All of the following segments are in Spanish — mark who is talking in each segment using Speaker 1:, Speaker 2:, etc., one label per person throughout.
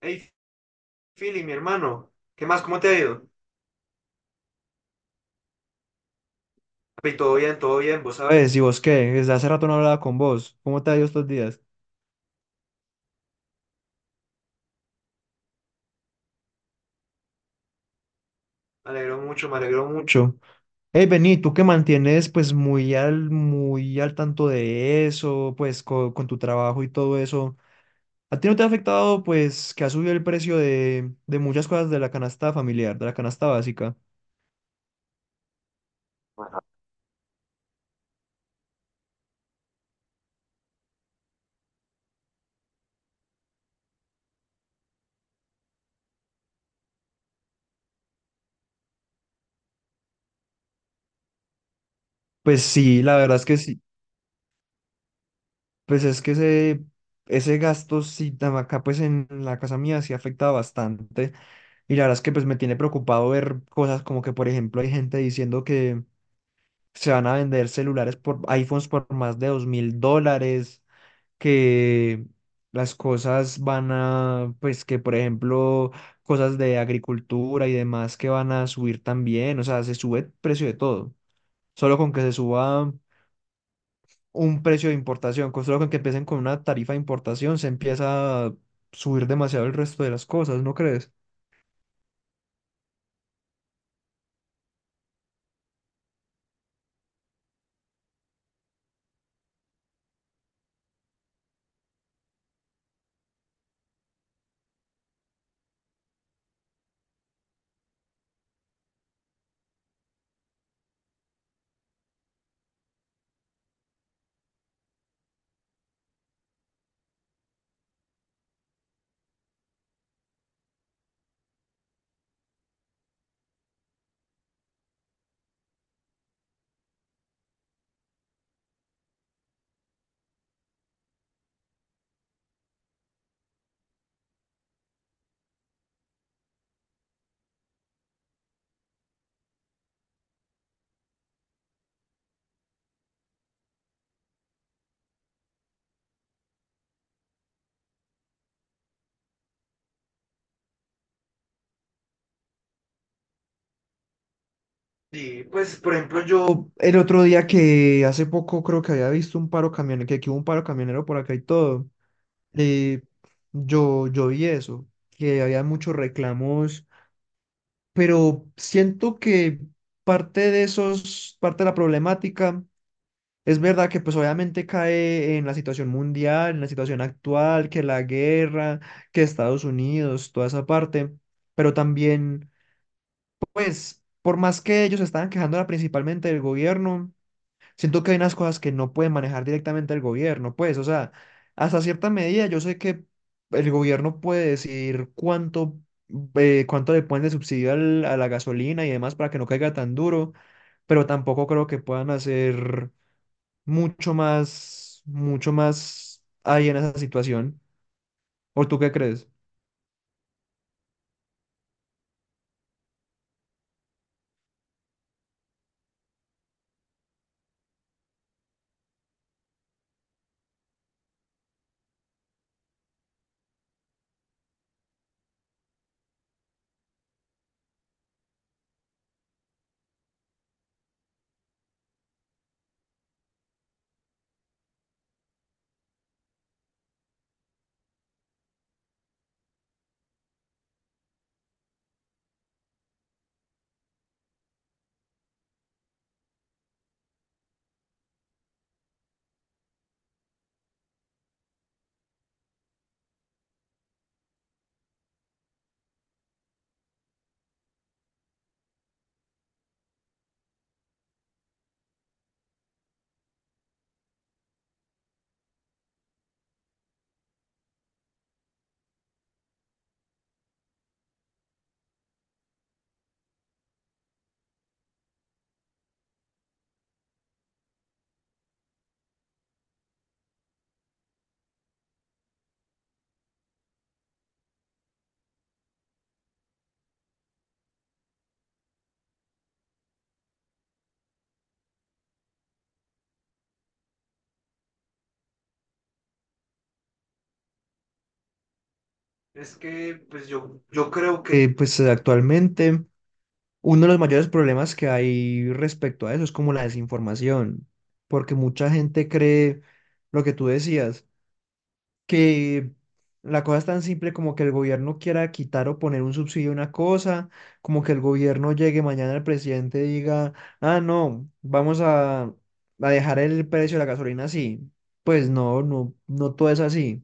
Speaker 1: Hey, Philly, mi hermano, ¿qué más? ¿Cómo te ha ido? Papi, todo bien, vos sabés. ¿Y vos qué? Desde hace rato no hablaba con vos. ¿Cómo te ha ido estos días? Me alegro mucho, me alegro mucho. Hey, Bení, tú que mantienes pues muy al tanto de eso, pues con tu trabajo y todo eso, ¿a ti no te ha afectado pues que ha subido el precio de muchas cosas de la canasta familiar, de la canasta básica? Pues sí, la verdad es que sí. Pues es que ese gasto, sí, acá pues en la casa mía sí afecta bastante. Y la verdad es que pues me tiene preocupado ver cosas como que, por ejemplo, hay gente diciendo que se van a vender celulares por iPhones por más de $2.000, que las cosas van a, pues que, por ejemplo, cosas de agricultura y demás que van a subir también. O sea, se sube el precio de todo. Solo con que se suba un precio de importación. Con solo con que empiecen con una tarifa de importación, se empieza a subir demasiado el resto de las cosas, ¿no crees? Sí, pues por ejemplo el otro día que hace poco creo que había visto un paro camionero, que aquí hubo un paro camionero por acá y todo, eh, yo vi eso, que había muchos reclamos, pero siento que parte de la problemática. Es verdad que pues obviamente cae en la situación mundial, en la situación actual, que la guerra, que Estados Unidos, toda esa parte, pero también pues por más que ellos estaban quejándola principalmente del gobierno, siento que hay unas cosas que no pueden manejar directamente el gobierno, pues o sea, hasta cierta medida yo sé que el gobierno puede decir cuánto, cuánto le ponen de subsidio a la gasolina y demás para que no caiga tan duro, pero tampoco creo que puedan hacer mucho más ahí en esa situación. ¿O tú qué crees? Es que, yo creo que... actualmente uno de los mayores problemas que hay respecto a eso es como la desinformación, porque mucha gente cree lo que tú decías, que la cosa es tan simple como que el gobierno quiera quitar o poner un subsidio a una cosa, como que el gobierno llegue mañana al presidente y diga, ah, no, vamos a dejar el precio de la gasolina así. Pues no, no todo es así.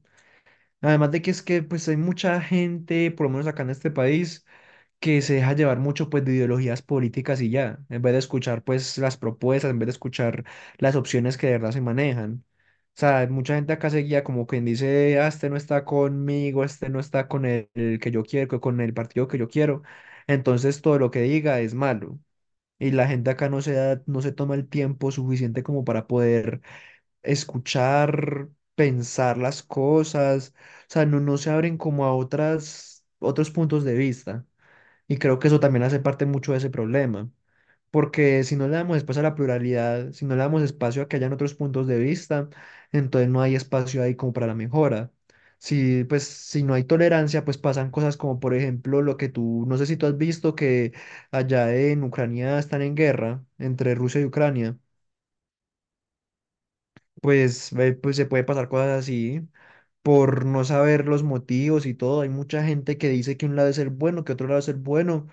Speaker 1: Además de que es que pues hay mucha gente, por lo menos acá en este país, que se deja llevar mucho pues de ideologías políticas y ya, en vez de escuchar pues las propuestas, en vez de escuchar las opciones que de verdad se manejan. O sea, mucha gente acá se guía como quien dice, ah, este no está conmigo, este no está con el que yo quiero, con el partido que yo quiero. Entonces todo lo que diga es malo. Y la gente acá no se toma el tiempo suficiente como para poder escuchar, pensar las cosas. O sea, no se abren como a otros puntos de vista. Y creo que eso también hace parte mucho de ese problema, porque si no le damos espacio a la pluralidad, si no le damos espacio a que hayan otros puntos de vista, entonces no hay espacio ahí como para la mejora. Si, pues, si no hay tolerancia, pues pasan cosas como, por ejemplo, lo que tú, no sé si tú has visto que allá en Ucrania están en guerra entre Rusia y Ucrania. Pues, pues se puede pasar cosas así por no saber los motivos y todo. Hay mucha gente que dice que un lado es el bueno, que otro lado es el bueno,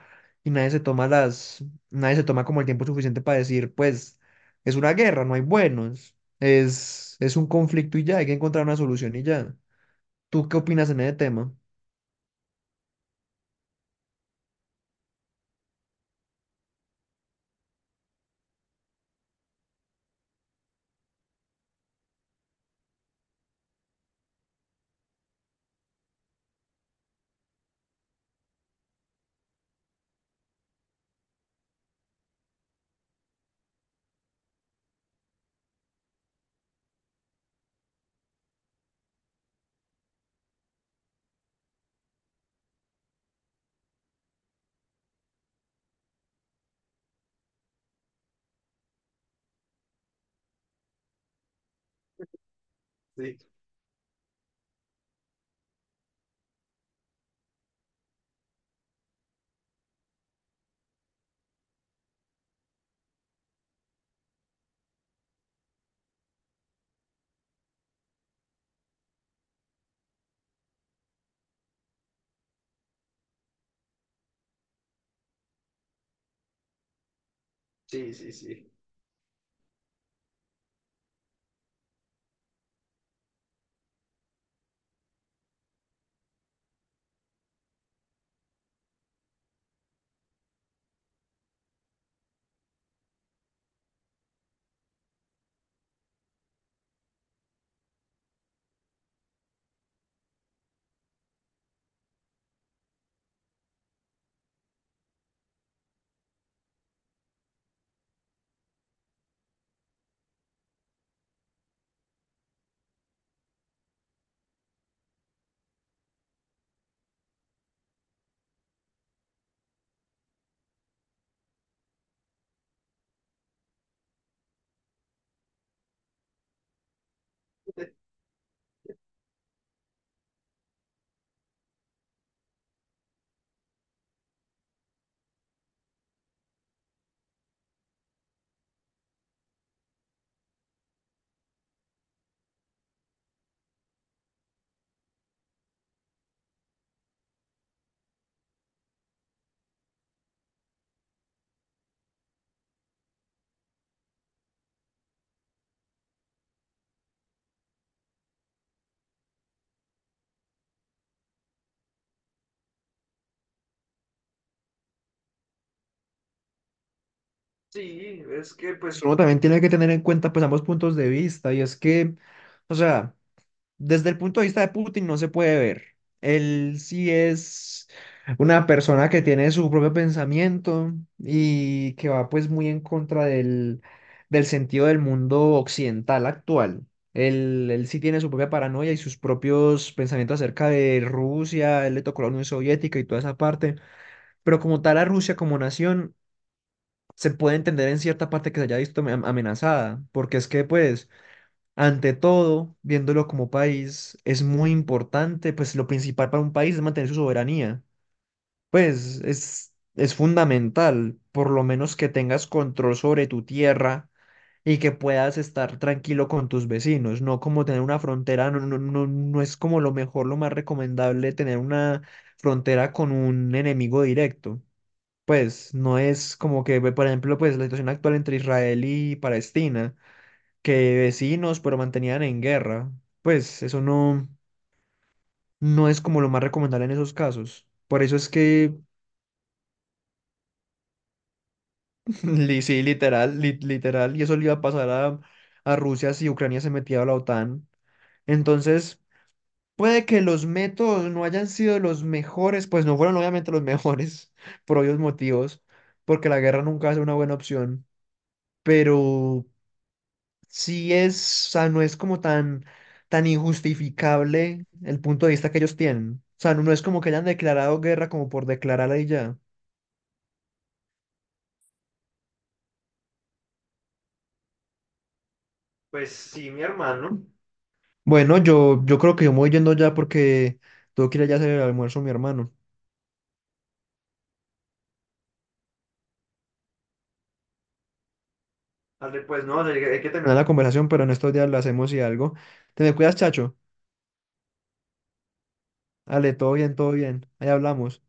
Speaker 1: y nadie se toma como el tiempo suficiente para decir, pues, es una guerra, no hay buenos, es un conflicto y ya, hay que encontrar una solución y ya. ¿Tú qué opinas en ese tema? Sí, sí, sí, sí. Sí, es que pues uno también tiene que tener en cuenta pues ambos puntos de vista y es que, o sea, desde el punto de vista de Putin no se puede ver. Él sí es una persona que tiene su propio pensamiento y que va pues muy en contra del sentido del mundo occidental actual. Él sí tiene su propia paranoia y sus propios pensamientos acerca de Rusia, él le tocó la Unión Soviética y toda esa parte, pero como tal a Rusia como nación se puede entender en cierta parte que se haya visto amenazada, porque es que pues... Ante todo, viéndolo como país, es muy importante, pues lo principal para un país es mantener su soberanía. Pues es fundamental, por lo menos que tengas control sobre tu tierra y que puedas estar tranquilo con tus vecinos, no como tener una frontera, no, no, no, no es como lo mejor, lo más recomendable tener una frontera con un enemigo directo. Pues no es como que, ve, por ejemplo, pues la situación actual entre Israel y Palestina que vecinos, pero mantenían en guerra. Pues eso no, no es como lo más recomendable en esos casos. Por eso es que, sí, literal, literal, y eso le iba a pasar a Rusia si Ucrania se metía a la OTAN. Entonces, puede que los métodos no hayan sido los mejores, pues no fueron obviamente los mejores, por obvios motivos, porque la guerra nunca es una buena opción, pero sí es, o sea, no es como tan injustificable el punto de vista que ellos tienen. O sea, no, no es como que hayan declarado guerra como por declararla y ya. Pues sí, mi hermano. Bueno, yo creo que yo me voy yendo ya porque tengo que ir allá a hacer el almuerzo, mi hermano. Dale, pues no, hay que terminar la conversación, pero en estos días lo hacemos y algo. Te me cuidas, chacho. Ale, todo bien, todo bien. Ahí hablamos.